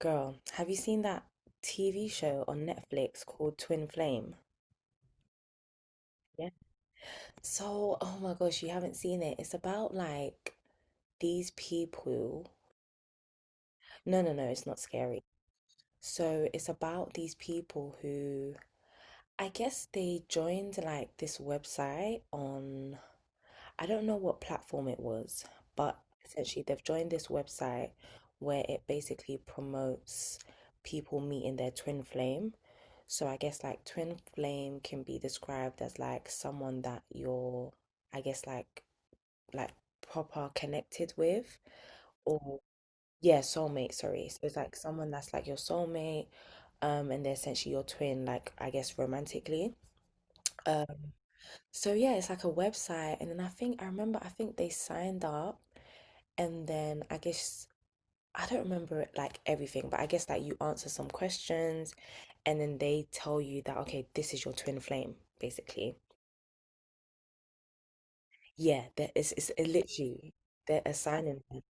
Girl, have you seen that TV show on Netflix called Twin Flame? Yeah. So, oh my gosh, you haven't seen it. It's about these people. No, no, no, it's not scary. So, it's about these people who I guess they joined like this website on I don't know what platform it was, but essentially they've joined this website where it basically promotes people meeting their twin flame. So I guess like twin flame can be described as like someone that you're, I guess like proper connected with or yeah, soulmate, sorry. So it's like someone that's like your soulmate, and they're essentially your twin, like I guess romantically. Um, so yeah, it's like a website, and then I think I remember I think they signed up, and then I guess I don't remember it, like everything, but I guess like you answer some questions, and then they tell you that okay, this is your twin flame, basically. Yeah, that is it literally they're assigning them.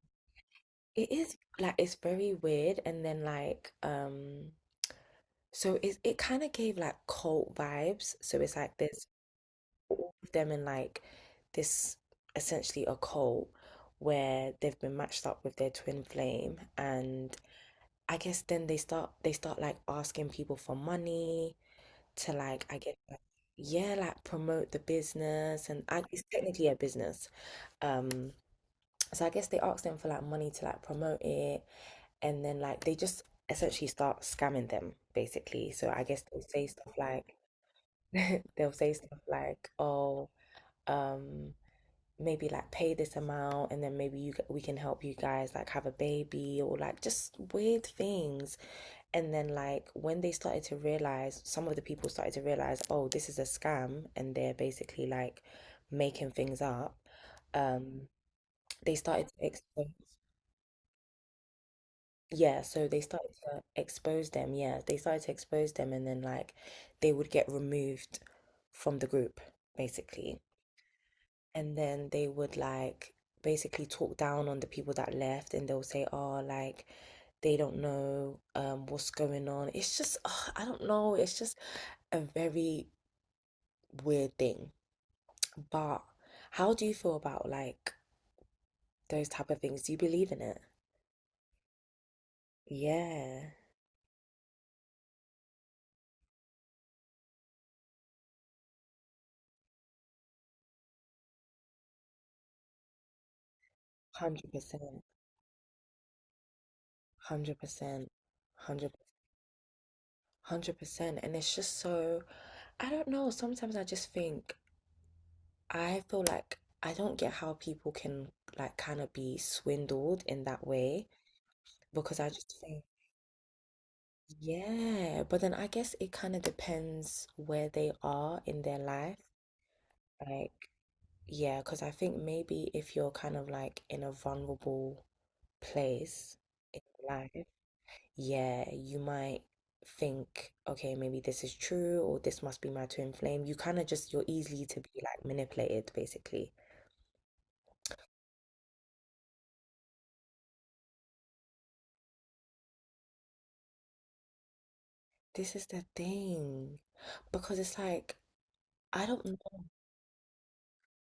It is like it's very weird, and then so it kind of gave like cult vibes. So it's like there's them in like this essentially a cult where they've been matched up with their twin flame and I guess then they start like asking people for money to like I guess like, yeah like promote the business and I, it's technically a business um so I guess they ask them for like money to like promote it and then like they just essentially start scamming them basically, so I guess they'll say stuff like they'll say stuff like oh um maybe like pay this amount and then maybe you we can help you guys like have a baby or like just weird things. And then like when they started to realize, some of the people started to realize, oh, this is a scam and they're basically like making things up, um they started to expose. Yeah, so they started to expose them. Yeah, they started to expose them and then like they would get removed from the group basically. And then they would like basically talk down on the people that left and they'll say, oh, like they don't know what's going on. It's just ugh, I don't know, it's just a very weird thing. But how do you feel about like those type of things? Do you believe in it? Yeah. 100%. 100%. 100%. 100%. And it's just so I don't know, sometimes I just think I feel like I don't get how people can like kind of be swindled in that way because I just think, yeah, but then I guess it kind of depends where they are in their life. Like, yeah, because I think maybe if you're kind of like in a vulnerable place in life, yeah, you might think, okay, maybe this is true or this must be my twin flame. You kind of just, you're easy to be like manipulated basically. This is the thing. Because it's like, I don't know.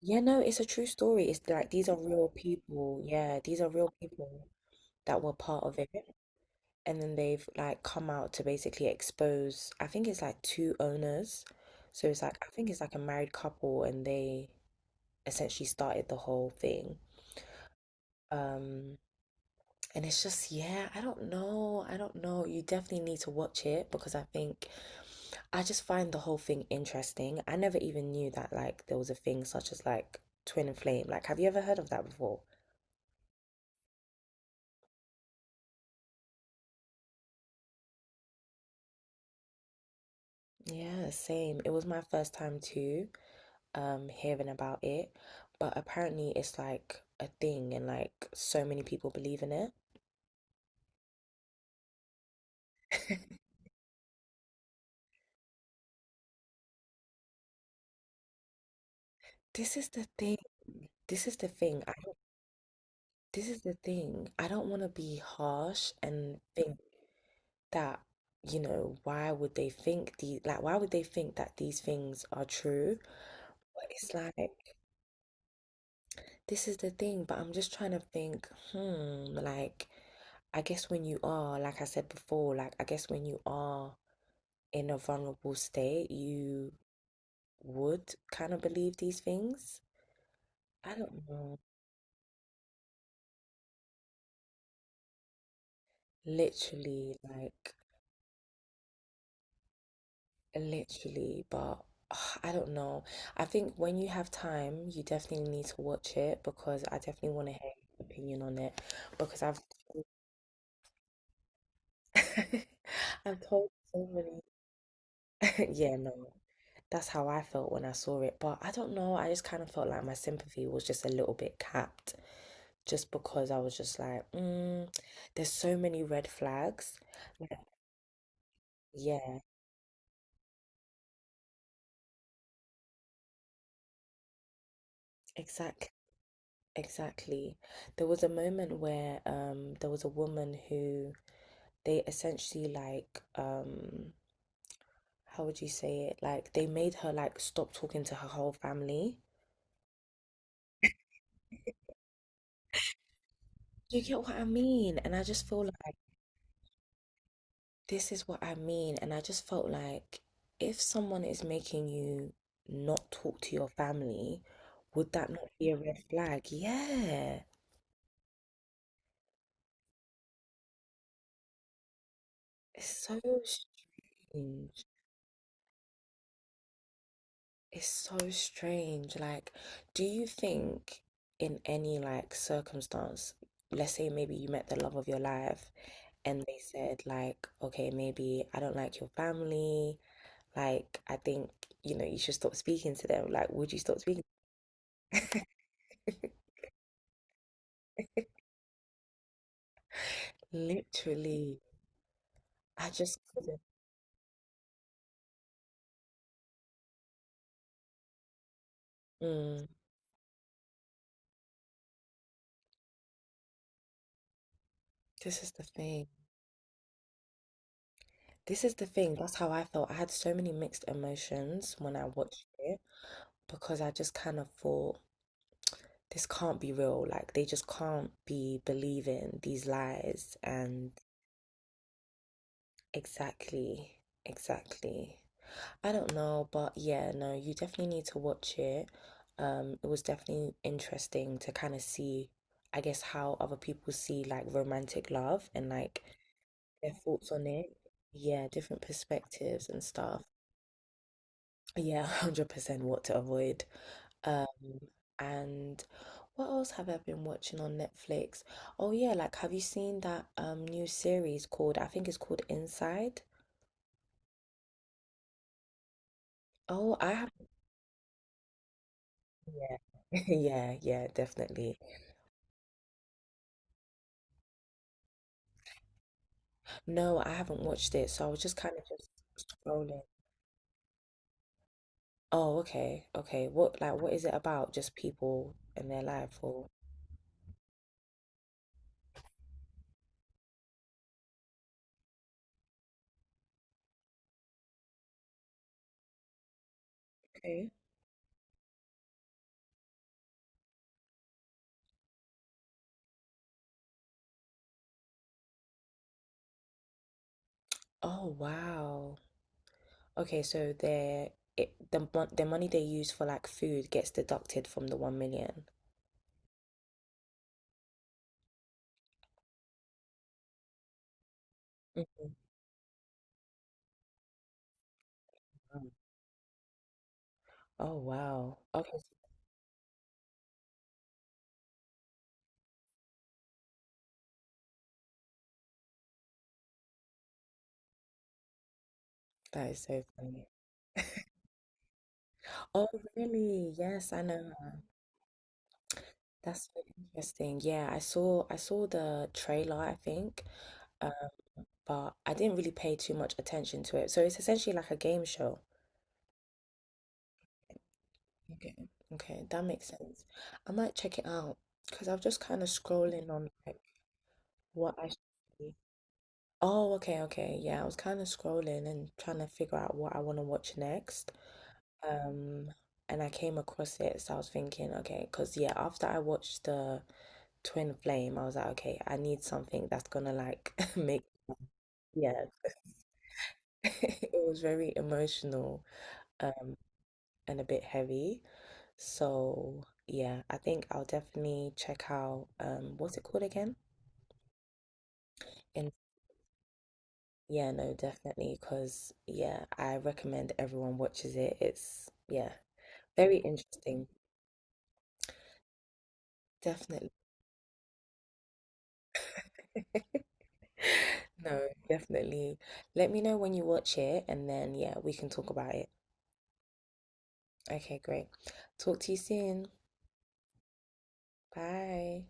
Yeah, no, it's a true story. It's like these are real people. Yeah, these are real people that were part of it. And then they've like come out to basically expose, I think it's like two owners. So it's like, I think it's like a married couple and they essentially started the whole thing. Um, And it's just, yeah, I don't know. I don't know. You definitely need to watch it because I think I just find the whole thing interesting. I never even knew that like there was a thing such as like twin flame. Like, have you ever heard of that before? Yeah, same. It was my first time too, hearing about it. But apparently it's like a thing and like so many people believe in it. This is the thing. This is the thing. I don't, this is the thing. I don't want to be harsh and think that, you know, why would they think the like why would they think that these things are true? But it's like this is the thing, but I'm just trying to think, hmm, like I guess when you are, like I said before, like I guess when you are in a vulnerable state, you would kind of believe these things. I don't know. Literally, like literally, but ugh, I don't know. I think when you have time, you definitely need to watch it because I definitely want to hear your opinion on it because I've I've told so many. Yeah, no, that's how I felt when I saw it. But I don't know. I just kind of felt like my sympathy was just a little bit capped, just because I was just like, mm, there's so many red flags. Like, yeah, exact, exactly. There was a moment where there was a woman who they essentially how would you say it? Like they made her like stop talking to her whole family. Do you get what I mean? And I just feel like this is what I mean. And I just felt like if someone is making you not talk to your family, would that not be a red flag? Yeah. It's so strange. It's so strange. Like, do you think in any like circumstance, let's say maybe you met the love of your life and they said like okay maybe I don't like your family, like I think you know you should stop speaking to them, like would you stop speaking literally I just couldn't mm, this is the thing, this is the thing, that's how I felt, I had so many mixed emotions when I watched it because I just kind of thought this can't be real, like they just can't be believing these lies and exactly exactly. I don't know, but yeah, no, you definitely need to watch it. It was definitely interesting to kind of see, I guess, how other people see like romantic love and like their thoughts on it. Yeah, different perspectives and stuff. Yeah, 100% what to avoid. Um, and what else have I been watching on Netflix? Oh yeah, like have you seen that new series called, I think it's called Inside? Oh, I have, yeah. Yeah, yeah, definitely. No, I haven't watched it, so I was just kind of just scrolling. Oh, okay, okay. What like what is it about? Just people and their life, or Okay. Oh wow. Okay, so their it the the money they use for like food gets deducted from the 1 million. Mhm. Mm. Oh wow. Okay, so that is so funny. Oh really? Yes, I know her. That's so interesting. Yeah, I saw the trailer, I think, but I didn't really pay too much attention to it. So it's essentially like a game show. Okay. Okay, that makes sense. I might check it out because I was just kind of scrolling on like what I should see. Oh, okay, okay. Yeah, I was kind of scrolling and trying to figure out what I want to watch next. Um, and I came across it, so I was thinking, okay, because yeah, after I watched the Twin Flame, I was like, okay, I need something that's gonna like make, yeah. It was very emotional and a bit heavy. So yeah, I think I'll definitely check out what's it called again? And yeah, no, definitely, because yeah, I recommend everyone watches it. It's yeah, very interesting. Definitely. No, definitely. Let me know when you watch it and then yeah, we can talk about it. Okay, great. Talk to you soon. Bye.